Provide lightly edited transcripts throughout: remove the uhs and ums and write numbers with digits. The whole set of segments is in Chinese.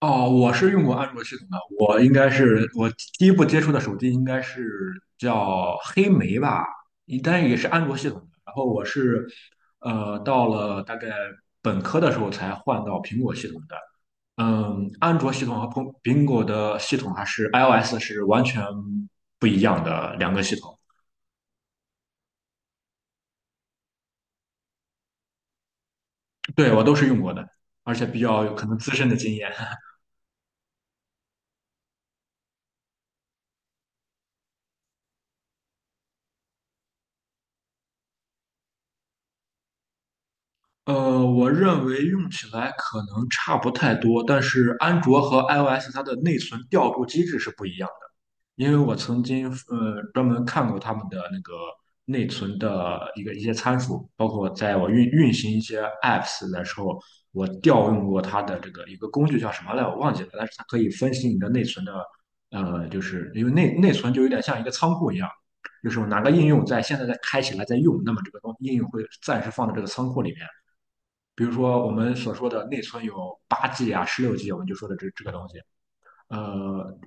哦，我是用过安卓系统的，我应该是第一部接触的手机应该是叫黑莓吧，但是也是安卓系统的。然后我是到了大概本科的时候才换到苹果系统的。嗯，安卓系统和苹果的系统还是 iOS 是完全不一样的两个系统。对，我都是用过的，而且比较有可能资深的经验。我认为用起来可能差不太多，但是安卓和 iOS 它的内存调度机制是不一样的。因为我曾经专门看过他们的那个内存的一些参数，包括在我运行一些 apps 的时候，我调用过它的这个一个工具叫什么来，我忘记了，但是它可以分析你的内存的。就是因为内存就有点像一个仓库一样，就是哪个应用在现在在开起来在用，那么这个应用会暂时放在这个仓库里面。比如说我们所说的内存有八 G 啊、十六 G,我们就说的这个东西。呃，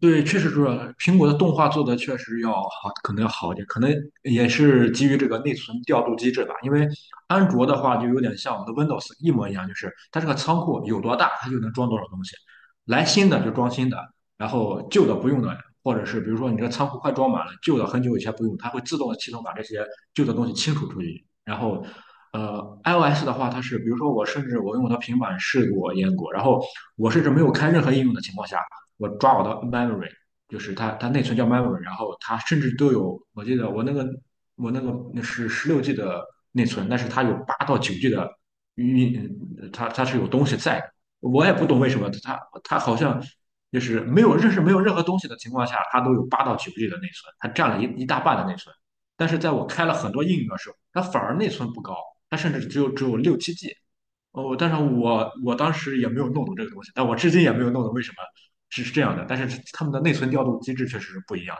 对，确实是苹果的动画做的确实要好，可能要好一点，可能也是基于这个内存调度机制吧。因为安卓的话就有点像我们的 Windows 一模一样，就是它这个仓库有多大，它就能装多少东西，来新的就装新的，然后旧的不用的，或者是比如说你这个仓库快装满了，旧的很久以前不用，它会自动系统把这些旧的东西清除出去。然后，iOS 的话，它是比如说我甚至我用我的平板试过阉割，然后我甚至没有开任何应用的情况下。我抓我的 memory,就是它内存叫 memory,然后它甚至都有，我记得我那个那是十六 G 的内存，但是它有八到九 G 的运，它是有东西在的。我也不懂为什么它好像就是没有认识没有任何东西的情况下，它都有八到九 G 的内存，它占了一大半的内存。但是在我开了很多应用的时候，它反而内存不高，它甚至只有六七 G。哦，但是我当时也没有弄懂这个东西，但我至今也没有弄懂为什么是这样的，但是他们的内存调度机制确实是不一样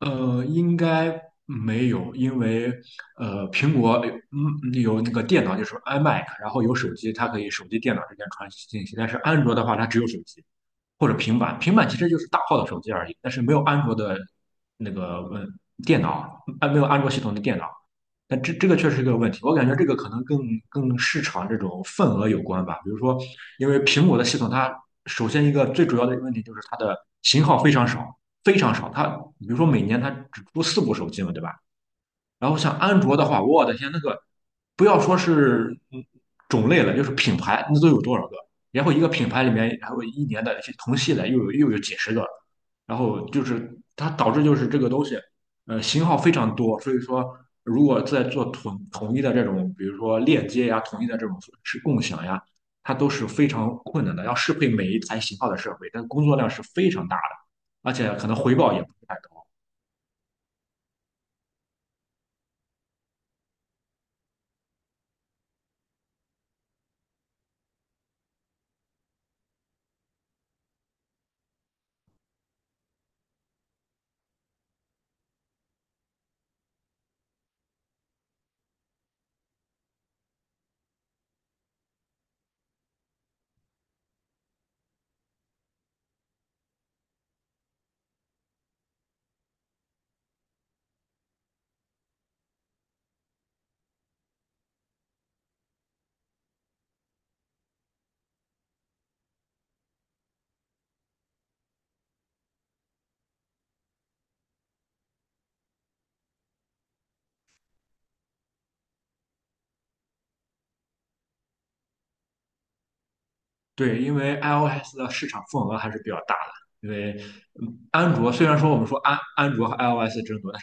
的。应该没有，因为苹果有有那个电脑就是 iMac,然后有手机，它可以手机电脑之间传信息，但是安卓的话它只有手机。或者平板，平板其实就是大号的手机而已，但是没有安卓的那个电脑，啊没有安卓系统的电脑，那这个确实是个问题。我感觉这个可能更市场这种份额有关吧。比如说，因为苹果的系统，它首先一个最主要的问题就是它的型号非常少，非常少。它比如说每年它只出四部手机嘛，对吧？然后像安卓的话，我的天，那个不要说是种类了，就是品牌，那都有多少个？然后一个品牌里面，还有一年的同系的又有几十个，然后就是它导致就是这个东西，型号非常多，所以说如果在做统一的这种，比如说链接呀、统一的这种是共享呀，它都是非常困难的，要适配每一台型号的设备，但工作量是非常大的，而且可能回报也不是太高。对，因为 iOS 的市场份额还是比较大的。因为安卓虽然说我们说安卓和 iOS 争夺，但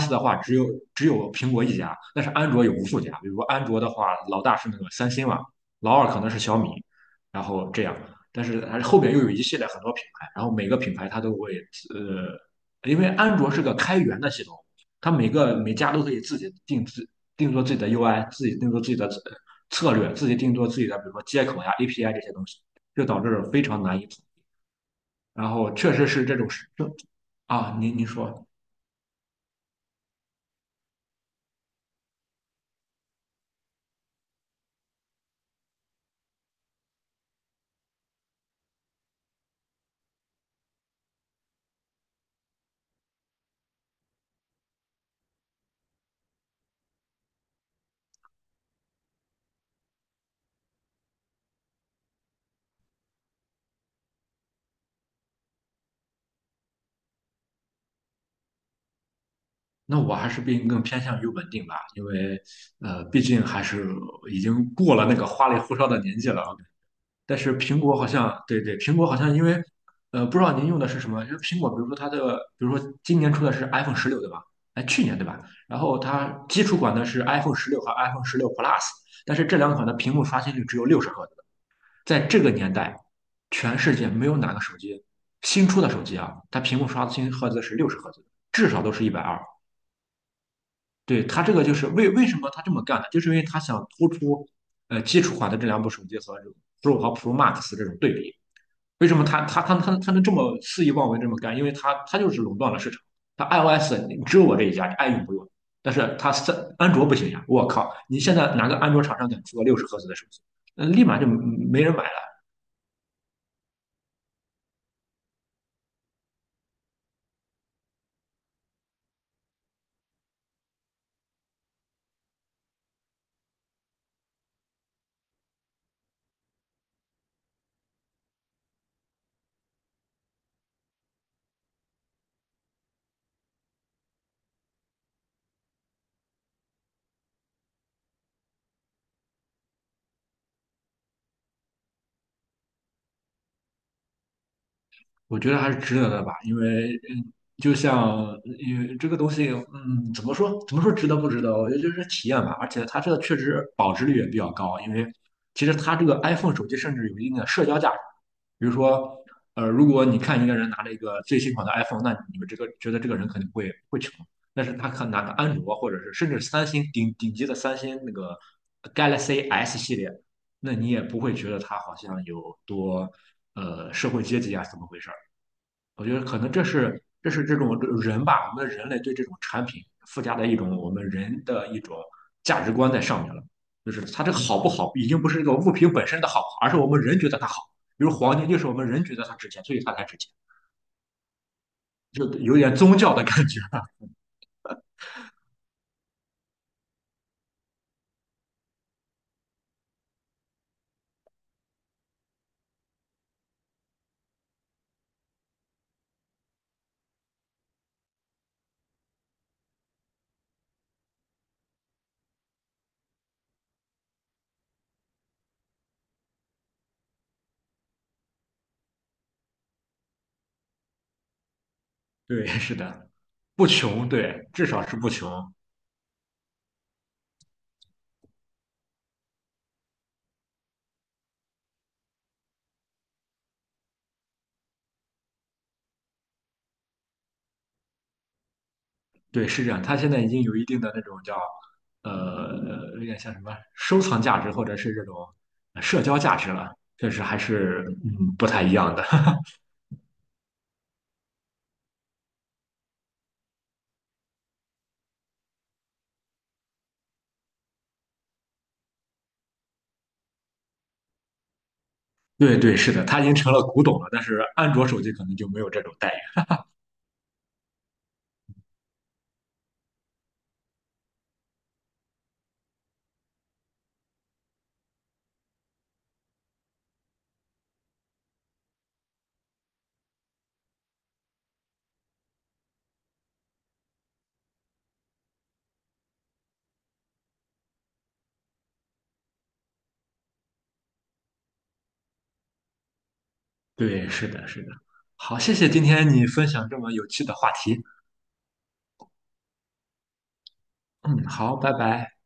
是 iOS 的话只有苹果一家，但是安卓有无数家。比如说安卓的话，老大是那个三星嘛，老二可能是小米，然后这样。但是还是后边又有一系列很多品牌，然后每个品牌它都会因为安卓是个开源的系统，它每家都可以自己定制定做自己的 UI,自己定做自己的策略，自己定做自己的，比如说接口呀、API 这些东西，就导致非常难以统一。然后确实是这种事，啊，您说，那我还是并更偏向于稳定吧，因为毕竟还是已经过了那个花里胡哨的年纪了啊。但是苹果好像，对对，苹果好像因为不知道您用的是什么，因为苹果，比如说它的，比如说今年出的是 iPhone 十六，对吧？哎，去年对吧？然后它基础款的是 iPhone 十六和 iPhone 十六 Plus,但是这两款的屏幕刷新率只有六十赫兹，在这个年代，全世界没有哪个手机新出的手机啊，它屏幕刷新赫兹是六十赫兹，至少都是120。对，它这个就是为什么它这么干呢？就是因为它想突出基础款的这两部手机和这种 Pro 和 Pro Max 这种对比。为什么它能这么肆意妄为这么干？因为它就是垄断了市场。它 iOS 你只有我这一家，你爱用不用。但是它安卓不行呀！我靠，你现在哪个安卓厂商敢出个六十赫兹的手机？嗯，立马就没人买。我觉得还是值得的吧，因为就像因为这个东西，怎么说值得不值得？我觉得就是体验吧，而且它这个确实保值率也比较高，因为其实它这个 iPhone 手机甚至有一定的社交价值。比如说，如果你看一个人拿了一个最新款的 iPhone,那你们这个觉得这个人肯定会穷，但是他可拿个安卓或者是甚至三星顶级的三星那个 Galaxy S 系列，那你也不会觉得他好像有多社会阶级啊怎么回事。我觉得可能这是这种人吧，我们人类对这种产品附加的一种我们人的一种价值观在上面了。就是它这个好不好，已经不是这个物品本身的好，而是我们人觉得它好。比如黄金，就是我们人觉得它值钱，所以它才值钱，就有点宗教的感觉。对，是的，不穷，对，至少是不穷。对，是这样。它现在已经有一定的那种叫有点像什么收藏价值，或者是这种社交价值了，确实还是不太一样的。对对，是的，它已经成了古董了，但是安卓手机可能就没有这种待遇。对，是的，是的。好，谢谢今天你分享这么有趣的话题。嗯，好，拜拜。